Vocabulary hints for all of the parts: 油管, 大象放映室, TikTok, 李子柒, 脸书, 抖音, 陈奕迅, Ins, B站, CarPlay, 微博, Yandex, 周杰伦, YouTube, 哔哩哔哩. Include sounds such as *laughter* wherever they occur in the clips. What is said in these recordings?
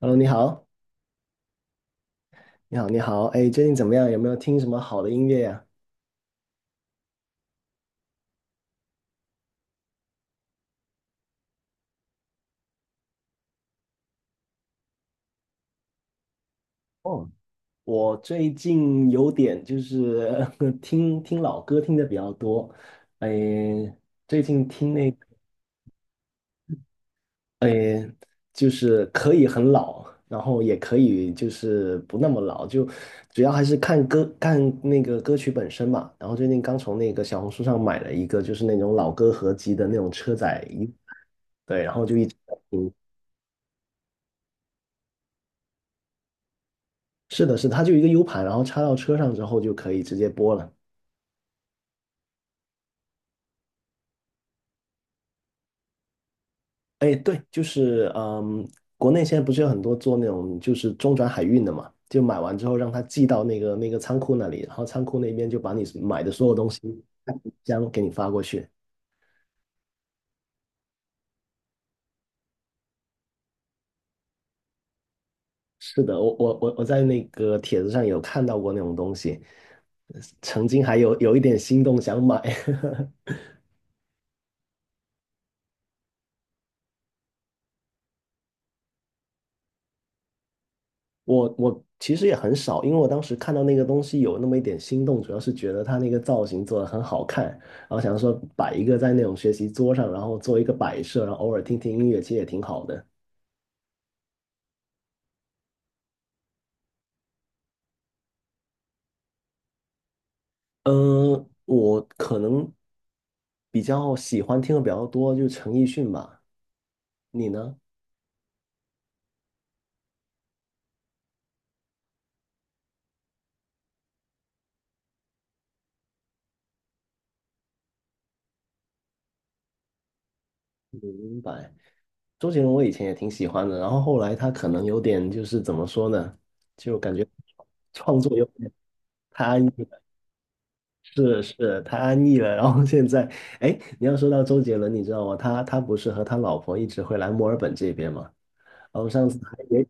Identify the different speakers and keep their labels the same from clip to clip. Speaker 1: Hello，你好，你好，你好，哎，最近怎么样？有没有听什么好的音乐呀？哦，我最近有点就是 *laughs* 听听老歌听的比较多。哎，最近听那个，哎，就是可以很老，然后也可以就是不那么老，就主要还是看歌看那个歌曲本身嘛。然后最近刚从那个小红书上买了一个就是那种老歌合集的那种车载音。对，然后就一直在听。是的，是的，它就一个 U 盘，然后插到车上之后就可以直接播了。哎，对，就是国内现在不是有很多做那种就是中转海运的嘛，就买完之后让他寄到那个仓库那里，然后仓库那边就把你买的所有东西按箱给你发过去。是的，我在那个帖子上有看到过那种东西，曾经还有一点心动想买。*laughs* 我其实也很少，因为我当时看到那个东西有那么一点心动，主要是觉得他那个造型做的很好看，然后想说摆一个在那种学习桌上，然后做一个摆设，然后偶尔听听音乐，其实也挺好的。嗯，我可能比较喜欢听的比较多，就是陈奕迅吧。你呢？明白。周杰伦我以前也挺喜欢的，然后后来他可能有点就是怎么说呢，就感觉创作有点太安逸。是是，太安逸了。然后现在，哎，你要说到周杰伦，你知道吗？他不是和他老婆一直会来墨尔本这边吗？然后上次还也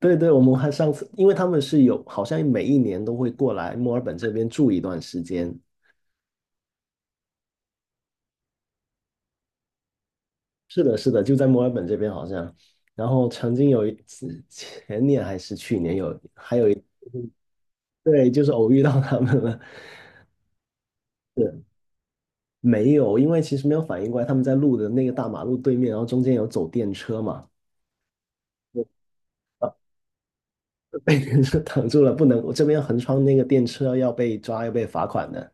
Speaker 1: 对对，我们还上次，因为他们是有，好像每一年都会过来墨尔本这边住一段时间。是的，是的，就在墨尔本这边好像。然后曾经有一次，前年还是去年有，对，就是偶遇到他们了。是没有，因为其实没有反应过来，他们在路的那个大马路对面，然后中间有走电车嘛。*laughs* 被人就挡住了，不能，我这边横穿那个电车要被抓，要被罚款的。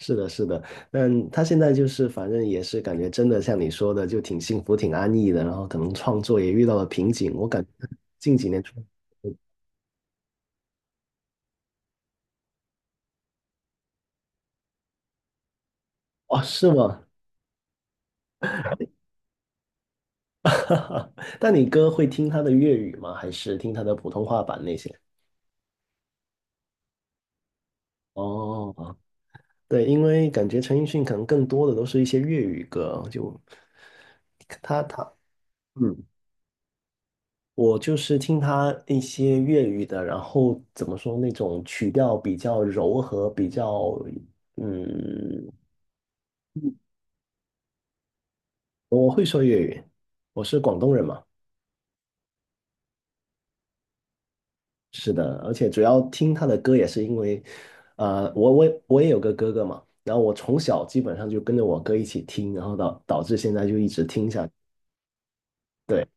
Speaker 1: 是的，是的，但他现在就是反正也是感觉真的像你说的，就挺幸福、挺安逸的。然后可能创作也遇到了瓶颈，我感觉近几年创。哦，是吗？*laughs* 但你哥会听他的粤语吗？还是听他的普通话版那些？哦，对，因为感觉陈奕迅可能更多的都是一些粤语歌，就他嗯。我就是听他一些粤语的，然后怎么说那种曲调比较柔和，比较嗯，我是广东人嘛。是的，而且主要听他的歌也是因为，我也有个哥哥嘛，然后我从小基本上就跟着我哥一起听，然后导致现在就一直听下去。对，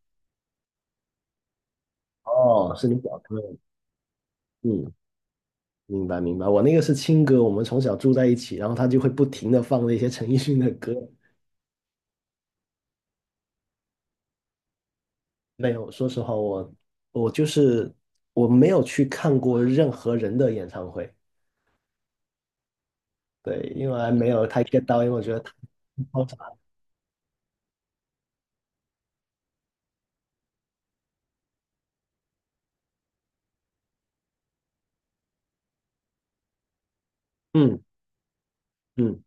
Speaker 1: 哦，是你表哥。嗯，明白明白，我那个是亲哥，我们从小住在一起，然后他就会不停的放那些陈奕迅的歌。没有，说实话，我我没有去看过任何人的演唱会。对，因为还没有太 get 到，因为我觉得太嘈杂。嗯嗯。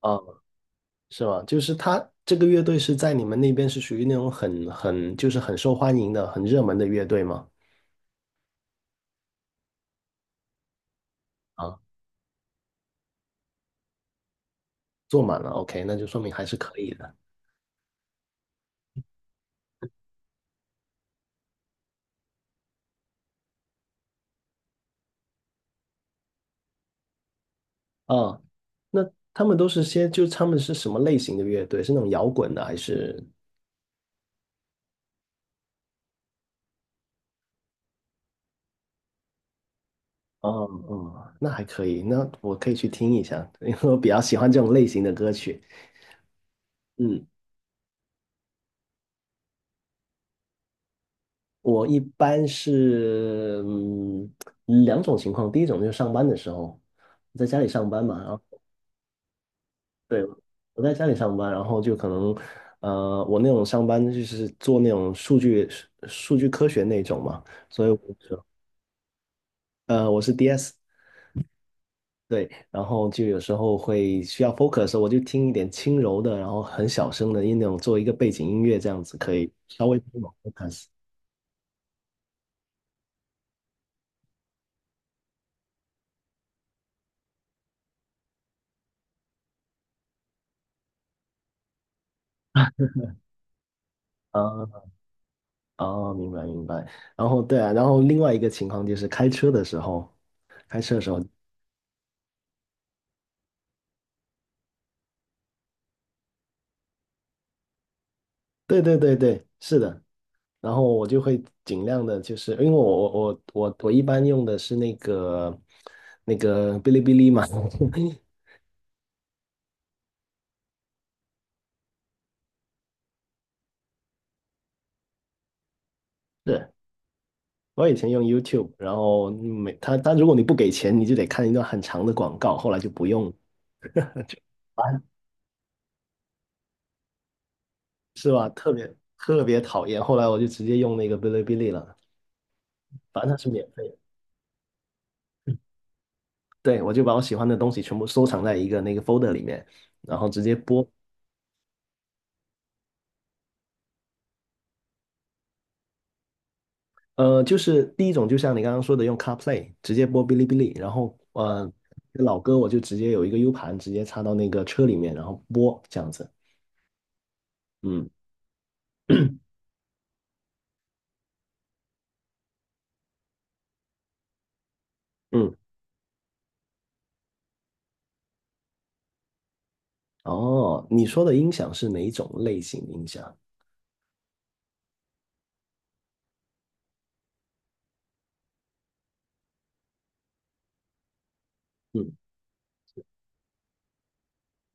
Speaker 1: 啊，是吗？就是他这个乐队是在你们那边是属于那种很就是很受欢迎的、很热门的乐队吗？啊，坐满了，OK，那就说明还是可以的。啊，那他们都是些，就他们是什么类型的乐队？是那种摇滚的还是？哦哦，那还可以，那我可以去听一下，因为我比较喜欢这种类型的歌曲。嗯，我一般是两种情况。第一种就是上班的时候，在家里上班嘛，然后对，我在家里上班，然后就可能我那种上班就是做那种数据科学那种嘛，所以我是我是 DS。对，然后就有时候会需要 focus 的时候我就听一点轻柔的，然后很小声的那种，做一个背景音乐，这样子可以稍微帮我 focus。啊啊，明白明白。然后对啊，然后另外一个情况就是开车的时候，开车的时候，对对对对，是的。然后我就会尽量的，就是因为我我一般用的是那个哔哩哔哩嘛，*laughs* 是我以前用 YouTube，然后每他如果你不给钱，你就得看一段很长的广告，后来就不用了，反正特别讨厌。后来我就直接用那个哔哩哔哩了，反正它是免费的。对，我就把我喜欢的东西全部收藏在一个那个 folder 里面，然后直接播。呃，就是第一种，就像你刚刚说的，用 CarPlay 直接播哔哩哔哩，然后老歌我就直接有一个 U 盘，直接插到那个车里面，然后播这样子。嗯嗯。哦，你说的音响是哪一种类型的音响？嗯。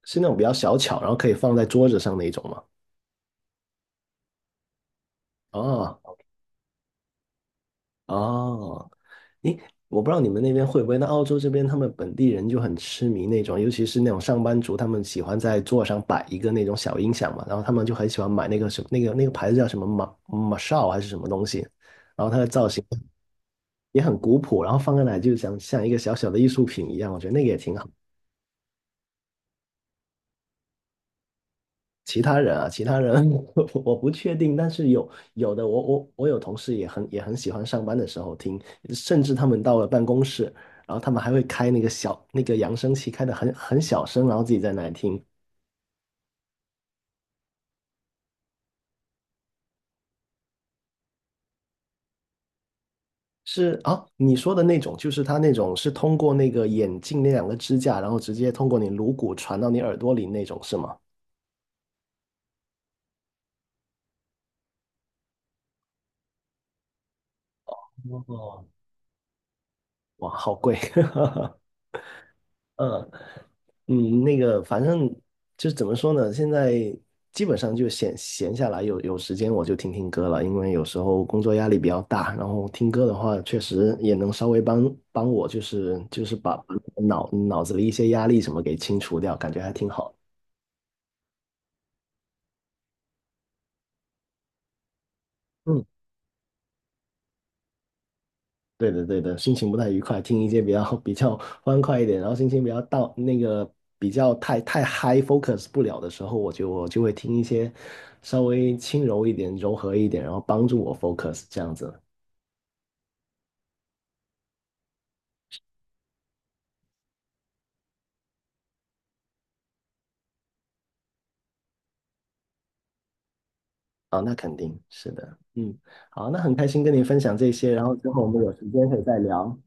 Speaker 1: 是那种比较小巧，然后可以放在桌子上那一种吗？哦哦，诶，我不知道你们那边会不会，那澳洲这边他们本地人就很痴迷那种，尤其是那种上班族，他们喜欢在桌上摆一个那种小音响嘛，然后他们就很喜欢买那个什么那个牌子叫什么马马少还是什么东西，然后它的造型也很古朴，然后放在那里就像一个小小的艺术品一样，我觉得那个也挺好。其他人啊，其他人 *laughs* 我不确定，但是有的我有同事也很喜欢上班的时候听，甚至他们到了办公室，然后他们还会开那个小那个扬声器，开的很小声，然后自己在那里听。是啊，你说的那种，就是他那种是通过那个眼镜那两个支架，然后直接通过你颅骨传到你耳朵里那种，是吗？哦，哇，好贵。*laughs* 嗯，嗯，那个反正就是怎么说呢，现在基本上就闲下来有时间我就听听歌了，因为有时候工作压力比较大，然后听歌的话确实也能稍微帮帮我，就是把把脑子里一些压力什么给清除掉，感觉还挺好。嗯。对的，对的，心情不太愉快，听一些比较 *laughs* 比较欢快一点，然后心情比较到那个比较太太 high focus 不了的时候，我就会听一些稍微轻柔一点、柔和一点，然后帮助我 focus 这样子。啊，那肯定是的。嗯，好，那很开心跟你分享这些，然后之后我们有时间可以再聊，